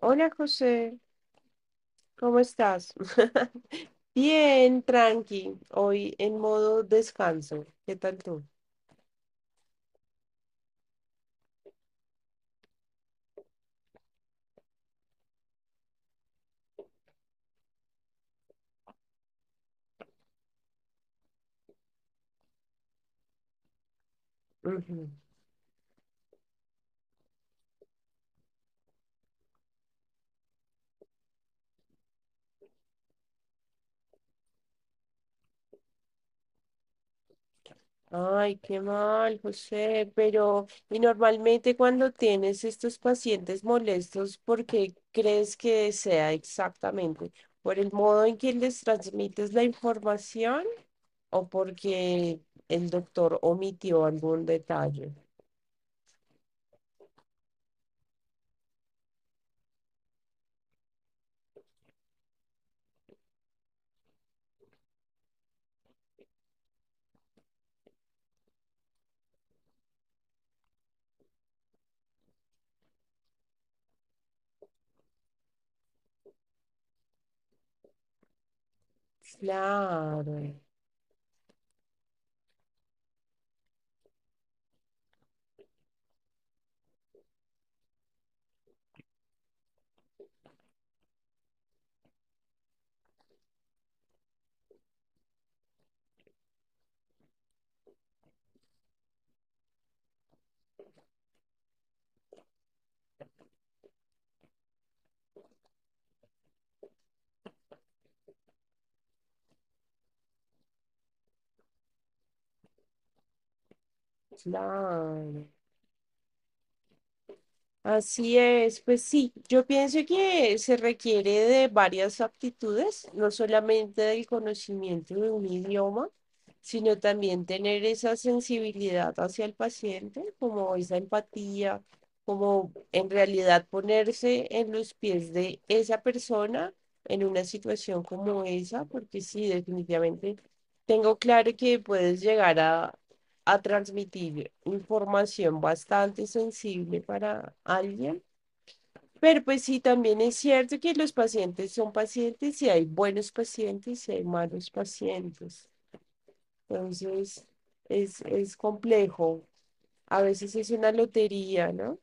Hola José, ¿cómo estás? Bien, tranqui, hoy en modo descanso. ¿Qué tal tú? Ujú. Ay, qué mal, José, pero ¿y normalmente cuando tienes estos pacientes molestos, por qué crees que sea exactamente? ¿Por el modo en que les transmites la información o porque el doctor omitió algún detalle? Claro, claro. Así es, pues sí, yo pienso que se requiere de varias aptitudes, no solamente del conocimiento de un idioma, sino también tener esa sensibilidad hacia el paciente, como esa empatía, como en realidad ponerse en los pies de esa persona en una situación como esa, porque sí, definitivamente tengo claro que puedes llegar a transmitir información bastante sensible para alguien. Pero pues sí, también es cierto que los pacientes son pacientes y hay buenos pacientes y hay malos pacientes. Entonces, es complejo. A veces es una lotería, ¿no?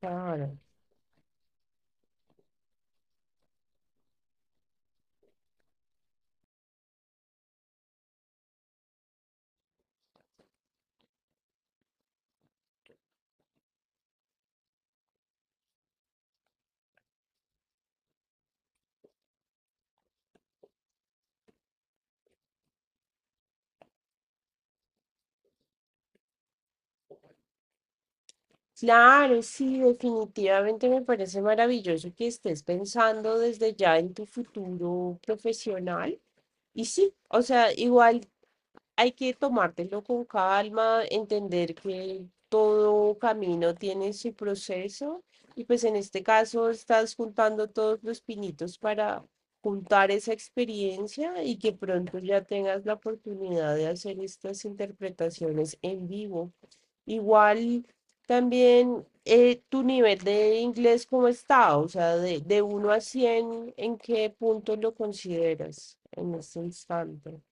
Claro. Claro, sí, definitivamente me parece maravilloso que estés pensando desde ya en tu futuro profesional. Y sí, o sea, igual, hay que tomártelo con calma, entender que todo camino tiene su proceso y pues en este caso estás juntando todos los pinitos para juntar esa experiencia y que pronto ya tengas la oportunidad de hacer estas interpretaciones en vivo. Igual también tu nivel de inglés, ¿cómo está? O sea, de 1 a 100, ¿en qué punto lo consideras en este instante?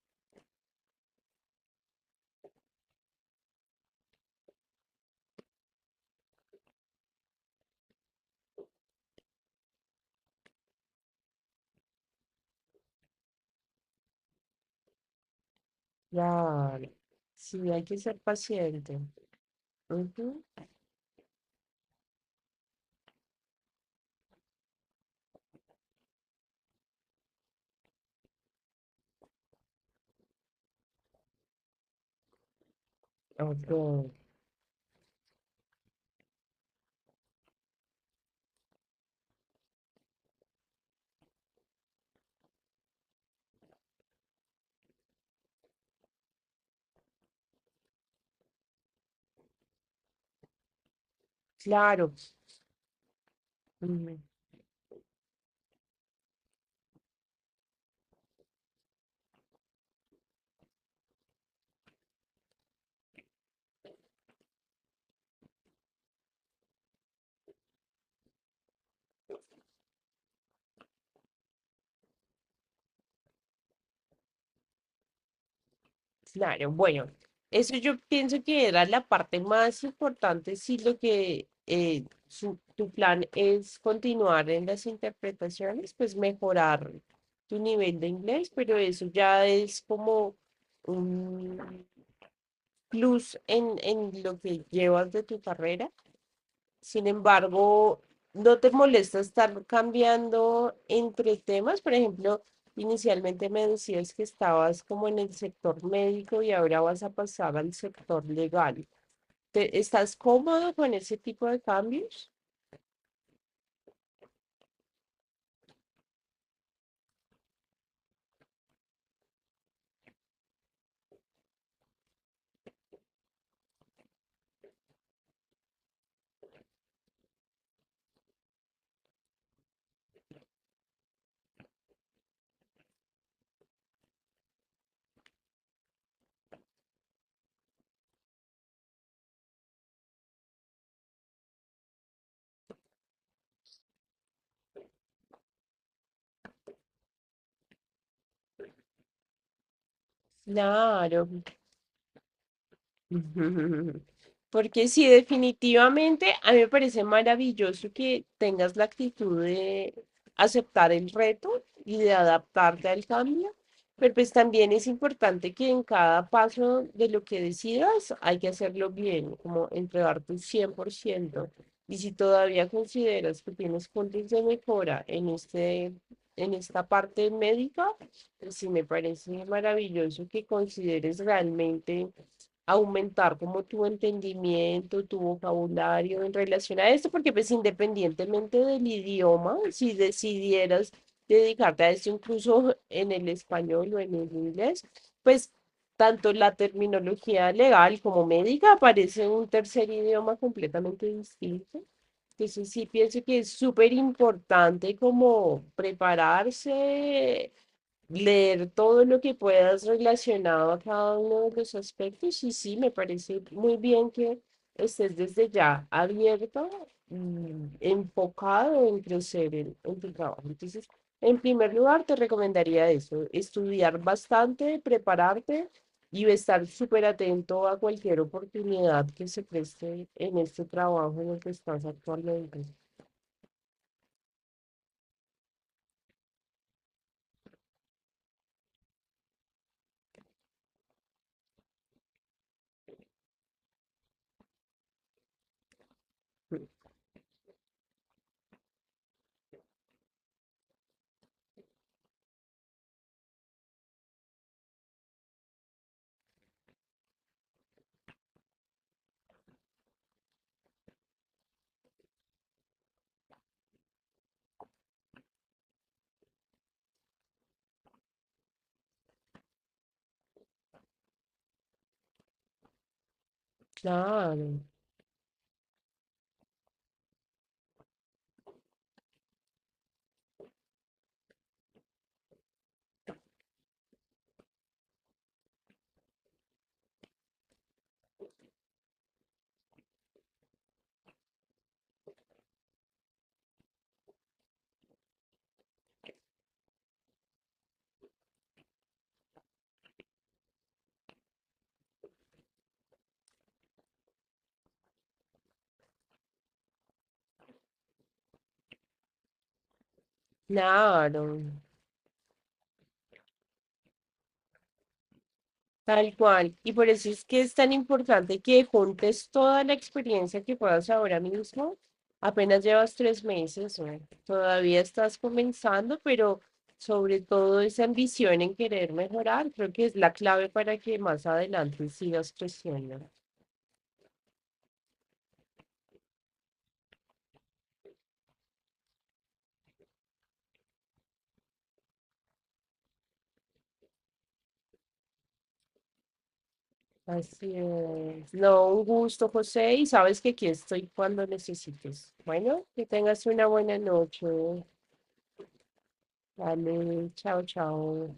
Claro, sí, hay que ser paciente. Ujú, ok, claro, mm, claro. Bueno, eso yo pienso que era la parte más importante, si lo que tu plan es continuar en las interpretaciones, pues mejorar tu nivel de inglés, pero eso ya es como un plus en lo que llevas de tu carrera. Sin embargo, ¿no te molesta estar cambiando entre temas? Por ejemplo, inicialmente me decías que estabas como en el sector médico y ahora vas a pasar al sector legal. Estás cómodo con ese tipo de cambios? Claro. Ujú. Porque sí, definitivamente a mí me parece maravilloso que tengas la actitud de aceptar el reto y de adaptarte al cambio, pero pues también es importante que en cada paso de lo que decidas hay que hacerlo bien, como entregar tu 100%. Y si todavía consideras que tienes puntos de mejora en este, en esta parte médica, pues sí me parece maravilloso que consideres realmente aumentar como tu entendimiento, tu vocabulario en relación a esto, porque pues independientemente del idioma, si decidieras dedicarte a esto incluso en el español o en el inglés, pues tanto la terminología legal como médica aparece un tercer idioma completamente distinto. Entonces sí pienso que es súper importante como prepararse, leer todo lo que puedas relacionado a cada uno de los aspectos y sí, me parece muy bien que estés desde ya abierto y enfocado en crecer en tu trabajo. Entonces, en primer lugar, te recomendaría eso, estudiar bastante, prepararte y estar súper atento a cualquier oportunidad que se preste en este trabajo en el que estás actualmente. Claro, claro. Tal cual. Y por eso es que es tan importante que juntes toda la experiencia que puedas ahora mismo. Apenas llevas 3 meses, bueno, todavía estás comenzando, pero sobre todo esa ambición en querer mejorar, creo que es la clave para que más adelante sigas creciendo. Así es. No, un gusto, José, y sabes que aquí estoy cuando necesites. Bueno, que tengas una buena noche. Dale, chao, chao.